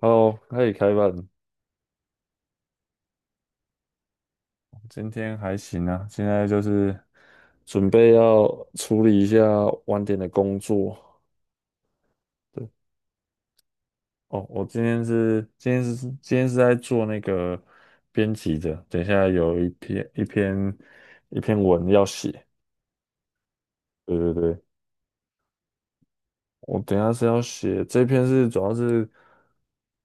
哦，可以开办。今天还行啊，现在就是准备要处理一下晚点的工作。对，哦，我今天是在做那个编辑的，等一下有一篇文要写。对对对，我等一下是要写这篇是主要是，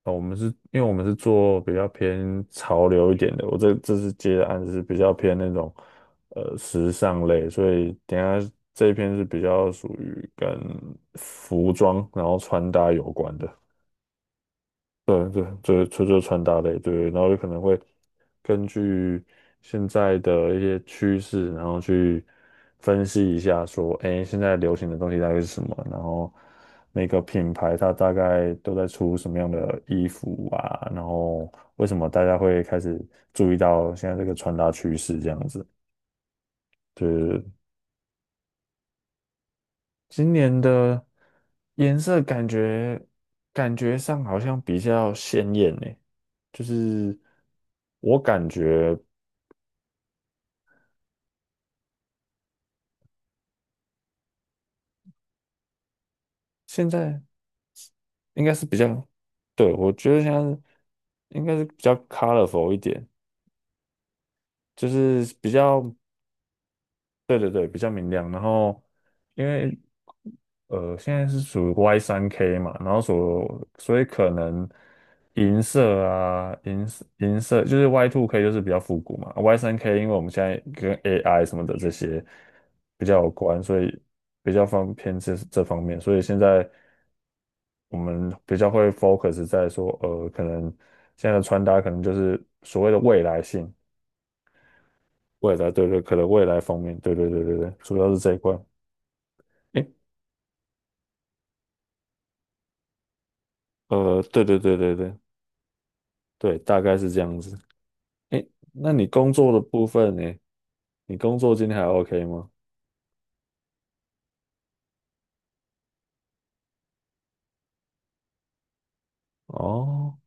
我们是因为我们是做比较偏潮流一点的，我这次接的案子是比较偏那种时尚类，所以等一下这一篇是比较属于跟服装然后穿搭有关的。对对就是穿搭类，对，然后有可能会根据现在的一些趋势，然后去分析一下说，哎，现在流行的东西大概是什么，然后每个品牌它大概都在出什么样的衣服啊，然后为什么大家会开始注意到现在这个穿搭趋势这样子，对今年的颜色感觉上好像比较鲜艳呢，就是我感觉现在应该是比较，对，我觉得现在应该是比较 colorful 一点，就是比较，对对对，比较明亮。然后因为现在是属于 Y 三 K 嘛，然后所以可能银色啊，银色就是 Y t K 就是比较复古嘛，Y 三 K 因为我们现在跟 AI 什么的这些比较有关，所以比较方偏这方面，所以现在我们比较会 focus 在说，可能现在的穿搭可能就是所谓的未来性，未来对对，可能未来方面，对对对对对，主要是这一块，诶，对对对对对对，大概是这样子。哎，那你工作的部分呢？你工作今天还 OK 吗？哦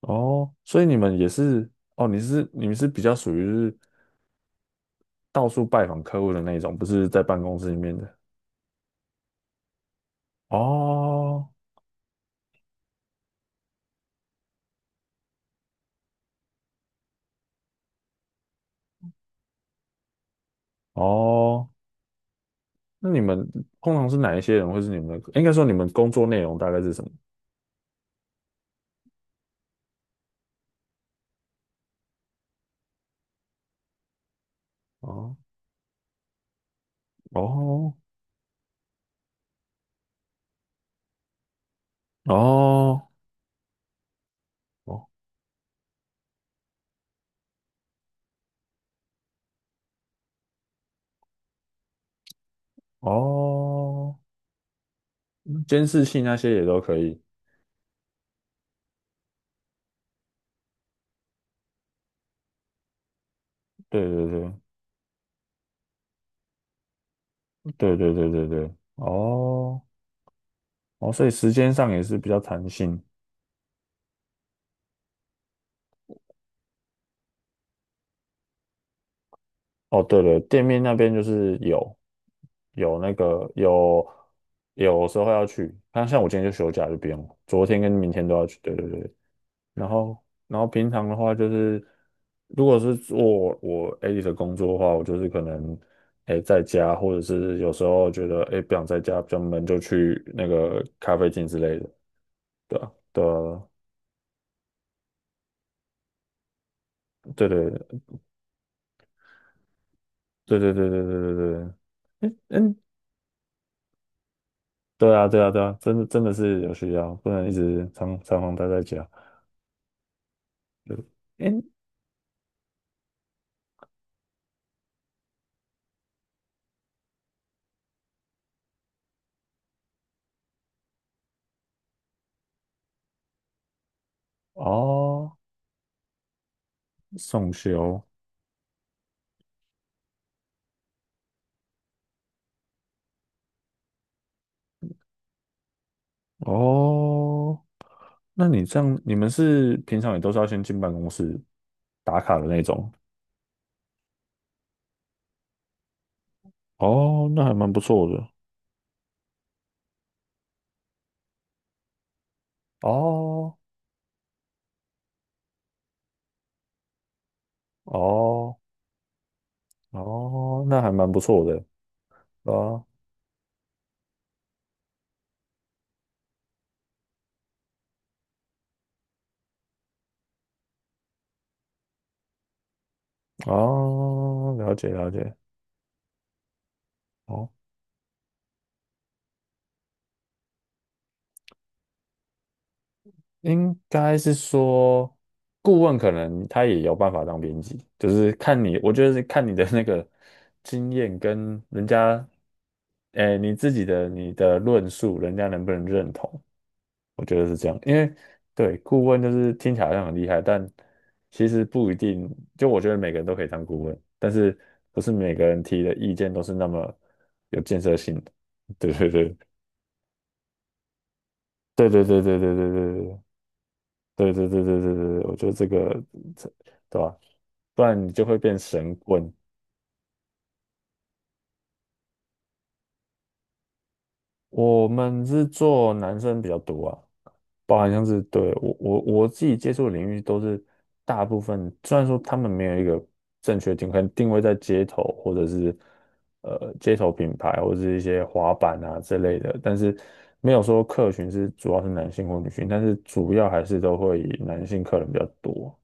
哦，所以你们也是哦，你们是比较属于是到处拜访客户的那一种，不是在办公室里面的。哦哦，那你们通常是哪一些人，或是你们的，应该说你们工作内容大概是什么？哦哦哦哦哦，监视器那些也都可以。对对对对对对对对，哦哦，所以时间上也是比较弹性。哦，对了，店面那边就是有有那个有有时候要去，像我今天就休假就不用了昨天跟明天都要去。对对对，然后平常的话就是，如果是做我 a l 的工作的话，我就是可能哎在家，或者是有时候觉得哎不想在家比较闷，就去那个咖啡厅之类的。对啊，对啊，对对对对对对对对对。哎，诶嗯对啊，对啊，对啊，真的真的是有需要，不能一直常常待在家。对，哎，哦，送修，哦，那你这样，你们是平常也都是要先进办公室打卡的那种？哦，那还蛮不错的。哦，哦，哦，那还蛮不错的。啊，哦，了解了解。哦，应该是说，顾问可能他也有办法当编辑，就是看你，我觉得是看你的那个经验跟人家，哎，你自己的你的论述，人家能不能认同？我觉得是这样，因为对顾问就是听起来好像很厉害，但其实不一定。就我觉得每个人都可以当顾问，但是不是每个人提的意见都是那么有建设性的。对对对对对对对对对对对。对对对对对对，我觉得这个这对吧？不然你就会变神棍。我们是做男生比较多啊，包含像是对我自己接触的领域都是大部分，虽然说他们没有一个正确定，可能定位在街头或者是呃街头品牌或者是一些滑板啊之类的，但是没有说客群是主要是男性或女性，但是主要还是都会以男性客人比较多。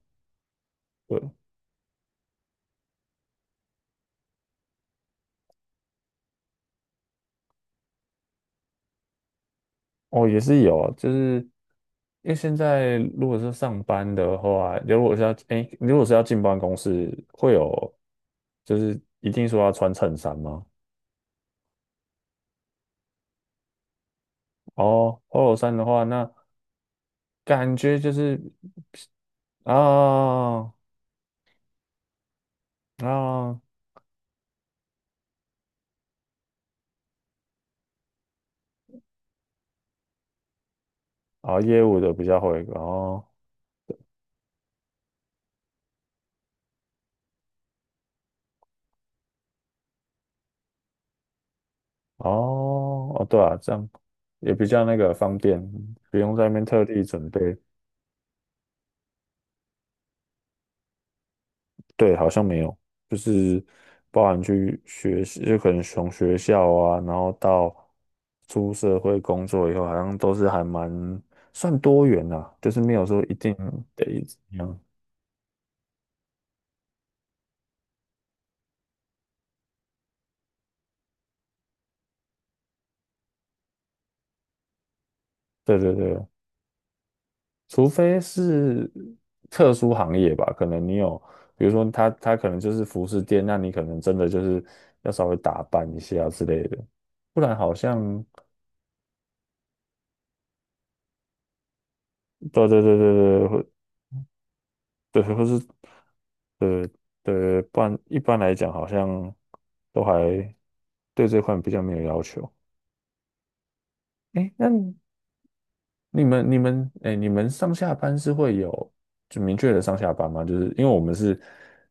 哦，也是有，就是因为现在如果是上班的话，如果是要哎，如果是要进办公室，会有就是一定说要穿衬衫吗？哦，polo 衫的话，那感觉就是啊啊啊，业务的比较会哦哦哦，对啊，这样也比较那个方便，不用在那边特地准备。对，好像没有，就是包含去学习，就可能从学校啊，然后到出社会工作以后，好像都是还蛮算多元啦、啊，就是没有说一定得怎样。对对对，除非是特殊行业吧，可能你有，比如说他可能就是服饰店，那你可能真的就是要稍微打扮一下之类的，不然好像对对对对对，会对，或是对，不然一般来讲好像都还对这块比较没有要求。哎，那你们哎，你们上下班是会有就明确的上下班吗？就是因为我们是，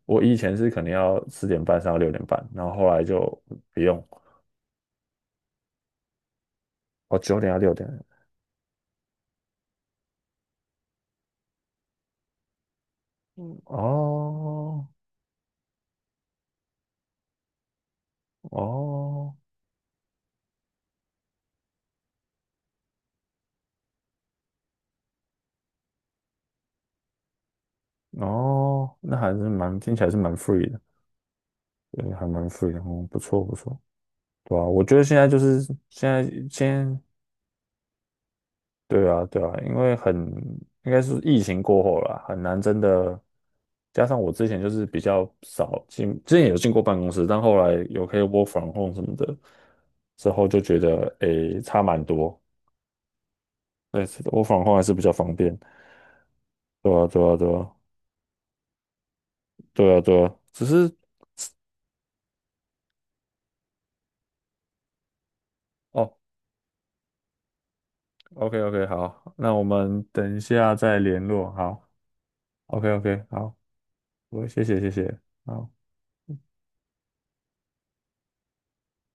我以前是可能要4点半上到6点半，然后后来就不用，哦，9点到6点，嗯，哦哦哦，那还是蛮听起来是蛮 free 的，对，还蛮 free 的，嗯，不错不错。对啊，我觉得现在就是现在，先。对啊，对啊，因为很，应该是疫情过后啦，很难真的。加上我之前就是比较少进，之前有进过办公室，但后来有可以 w o r 什么的，之后就觉得诶差蛮多。对 w o r 还是比较方便。对啊，对啊，对啊，对啊，对啊。只是哦，OK OK，好，那我们等一下再联络。好，OK OK，好，我谢谢谢谢，好。